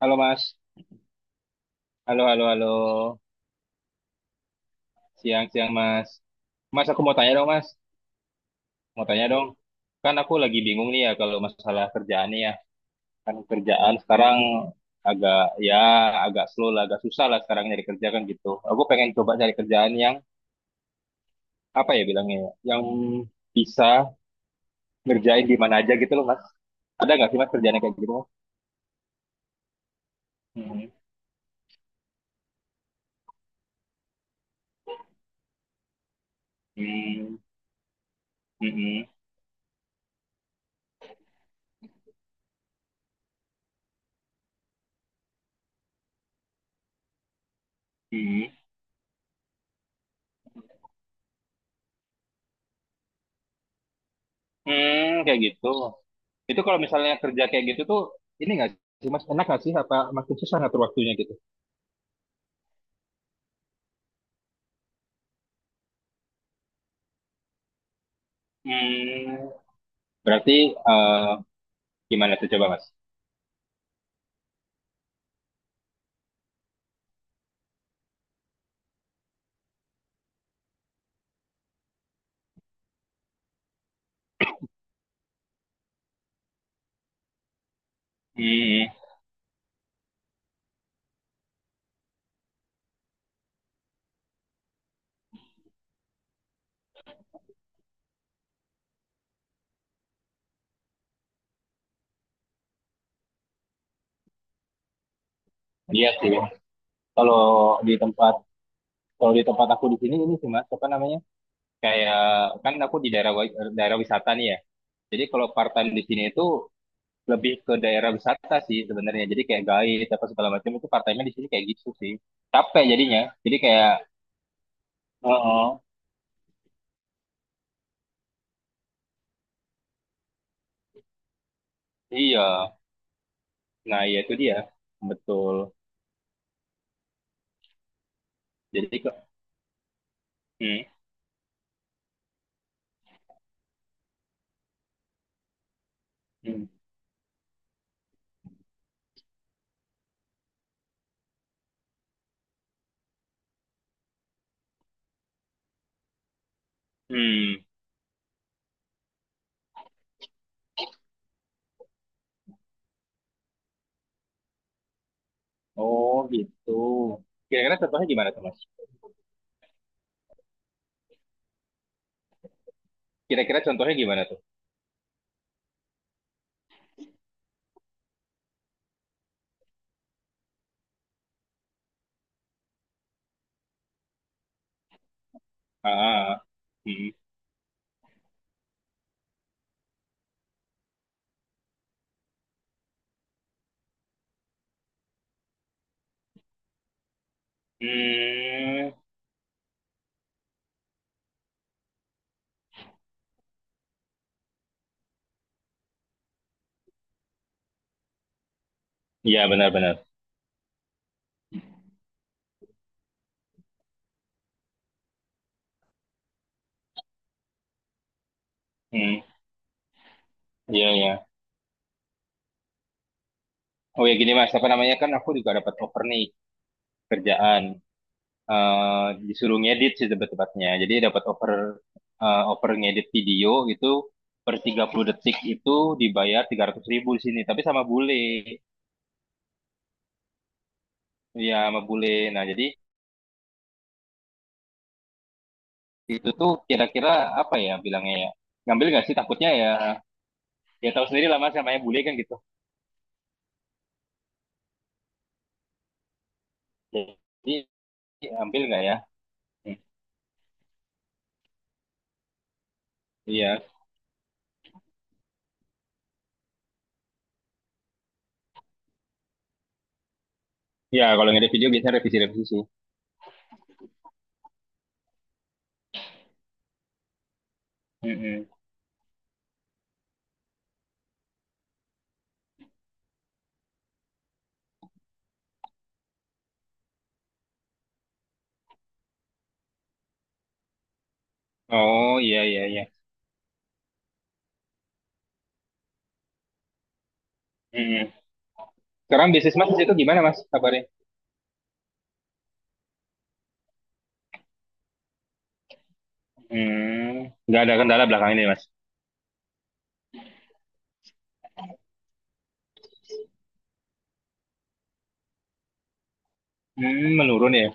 Halo Mas, halo halo halo, siang siang Mas. Mas aku mau tanya dong Mas, mau tanya dong. Kan aku lagi bingung nih ya kalau masalah kerjaan nih ya. Kan kerjaan sekarang agak ya agak slow lah, agak susah lah sekarang nyari kerja kan gitu. Aku pengen coba cari kerjaan yang apa ya bilangnya, ya, yang bisa ngerjain di mana aja gitu loh Mas. Ada nggak sih Mas kerjaan yang kayak gitu? Mas? Hmm, hmm, hmm, hmm, hmm, kayak gitu. Itu kalau misalnya kerja kayak gitu tuh, ini nggak sih mas, enak nggak sih? Apa makin susah ngatur waktunya gitu? Hmm, berarti eh, gimana tuh coba mas? Hmm, iya sih. Kalau di tempat kalau di tempat aku di sini ini sih mas, apa namanya? Kayak kan aku di daerah wisata nih ya. Jadi kalau part-time di sini itu lebih ke daerah wisata sih sebenarnya. Jadi kayak guide apa segala macam itu part-time-nya di sini kayak gitu sih. Capek jadinya. Jadi kayak, oh, iya. Nah, ya itu dia. Betul. Jadi kok hmm, hmm, hmm. Oh, gitu. Kira-kira contohnya gimana tuh, Mas? Kira-kira contohnya gimana tuh? Ah, ah, ah. Hmm. Hmm. Ya, benar-benar. Hmm. Iya, ya. Oh ya gini, Mas, apa namanya kan aku juga dapat offer nih kerjaan. Eh disuruh ngedit sih tebet-tebetnya. Jadi dapat offer offer ngedit video gitu per 30 detik itu dibayar 300 ribu di sini, tapi sama bule. Iya, sama bule. Nah, jadi itu tuh kira-kira apa ya bilangnya ya ngambil nggak sih takutnya ya ya tahu sendiri lah mas namanya bule kan gitu jadi ambil nggak ya. Hmm, iya iya kalau ngedit video biasanya revisi-revisi sih. Mm-mm. Oh iya iya iya. Mm-mm. Sekarang bisnis mas di situ gimana mas kabarnya. Hmm, nggak ada kendala belakang ini mas. Hmm, menurun ya.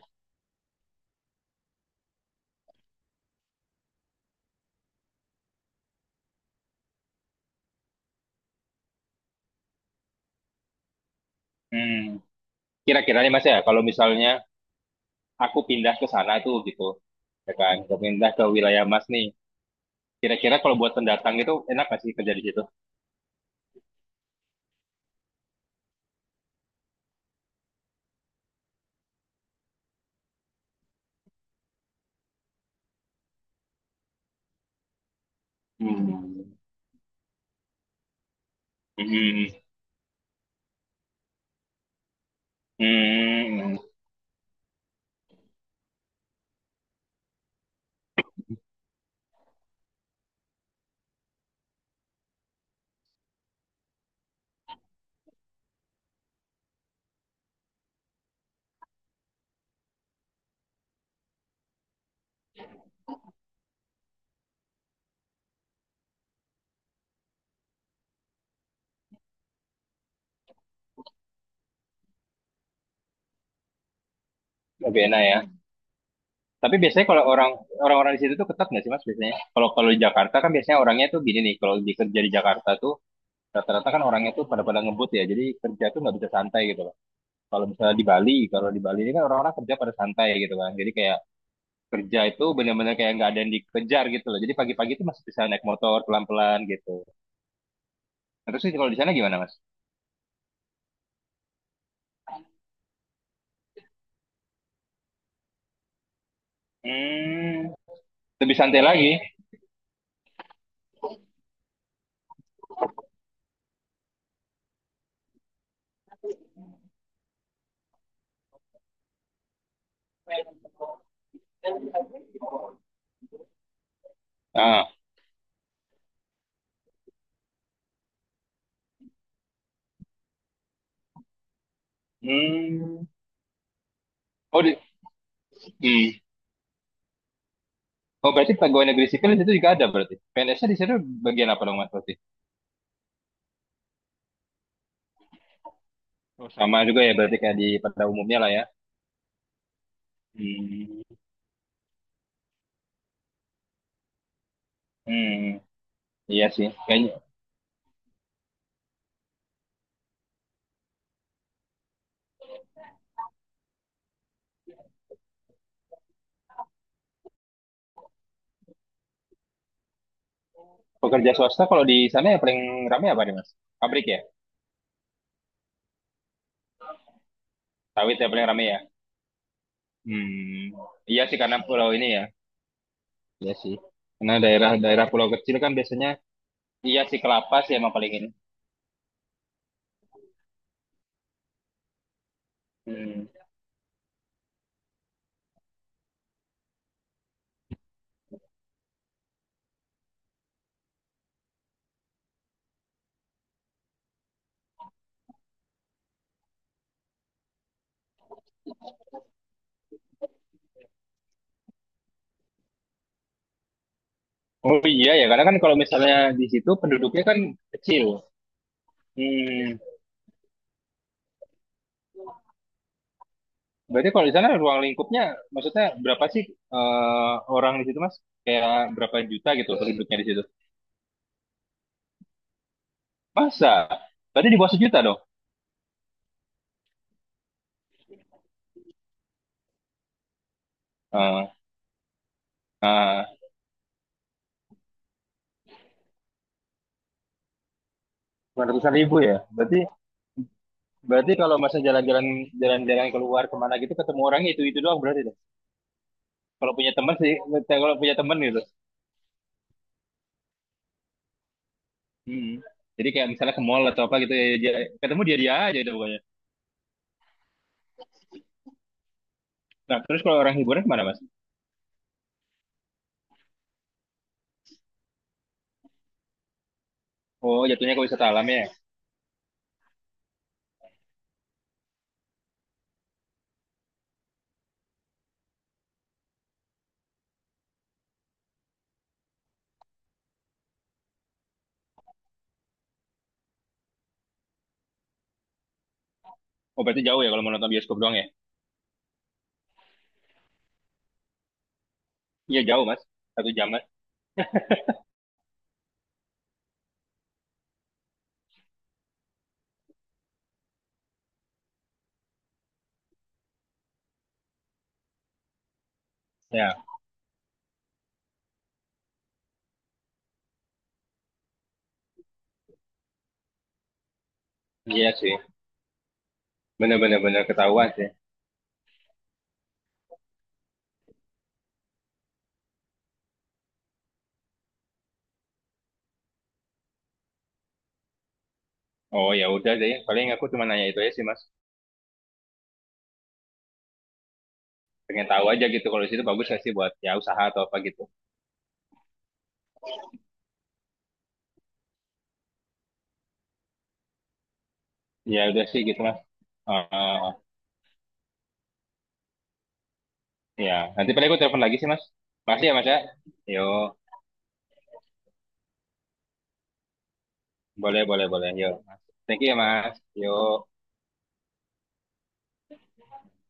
Hmm, kira-kira nih mas ya kalau misalnya aku pindah ke sana tuh gitu, ya kan, pindah ke wilayah mas nih, kira-kira kalau buat pendatang itu enak nggak sih kerja di situ. Hmm. Mhm, hmm, lebih enak ya. Tapi biasanya kalau orang-orang di situ tuh ketat nggak sih Mas biasanya? Kalau kalau di Jakarta kan biasanya orangnya tuh gini nih, kalau di kerja di Jakarta tuh rata-rata kan orangnya tuh pada-pada ngebut ya, jadi kerja tuh nggak bisa santai gitu loh. Kalau misalnya di Bali, kalau di Bali ini kan orang-orang kerja pada santai gitu kan, jadi kayak kerja itu bener-bener kayak nggak ada yang dikejar gitu loh. Jadi pagi-pagi tuh masih bisa naik motor pelan-pelan gitu. Nah, terus sih kalau di sana gimana Mas? Hmm, lebih santai lagi. Ah, hmm. Oh, di, hmm. Oh, berarti pegawai negeri sipil itu juga ada berarti. PNS-nya di situ bagian apa dong Mas berarti? Oh, sama. Sama juga ya berarti kayak di pada umumnya lah ya. Hmm. Hmm. Iya sih. Kayaknya pekerja swasta kalau di sana yang paling ramai apa nih Mas? Pabrik ya? Sawit ya paling ramai ya? Hmm. Iya sih karena pulau ini ya. Iya sih. Karena daerah-daerah pulau kecil kan biasanya iya sih kelapa sih emang paling ini. Hmm. Oh iya ya, karena kan kalau misalnya di situ penduduknya kan kecil. Hmm. Berarti kalau di sana ruang lingkupnya, maksudnya berapa sih orang di situ, Mas? Kayak berapa juta gitu penduduknya di situ? Masa? Berarti di bawah sejuta dong. Eh, eh, cuma ratusan ribu ya. Berarti berarti kalau masa jalan-jalan keluar kemana gitu ketemu orangnya itu doang berarti dong. Kalau punya teman sih, kalau punya teman gitu. Hmm. Jadi kayak misalnya ke mall atau apa gitu ya, dia, ketemu dia dia aja itu pokoknya. Nah, terus kalau orang hiburan kemana, Mas? Oh, jatuhnya ke wisata alam ya. Oh, berarti jauh ya kalau mau nonton bioskop doang ya? Iya, jauh, Mas. Satu jam, Mas. Ya. Iya sih, bener-bener ketahuan sih. Oh ya udah deh, paling aku cuma nanya itu aja sih mas. Pengen tahu aja gitu kalau di situ bagus gak sih buat ya usaha atau apa gitu. Ya udah sih gitu mas. Oh oh, oh. Ya nanti paling aku telepon lagi sih mas. Masih ya mas ya. Yo, boleh boleh boleh. Yo, mas. Thank you ya mas. Yo.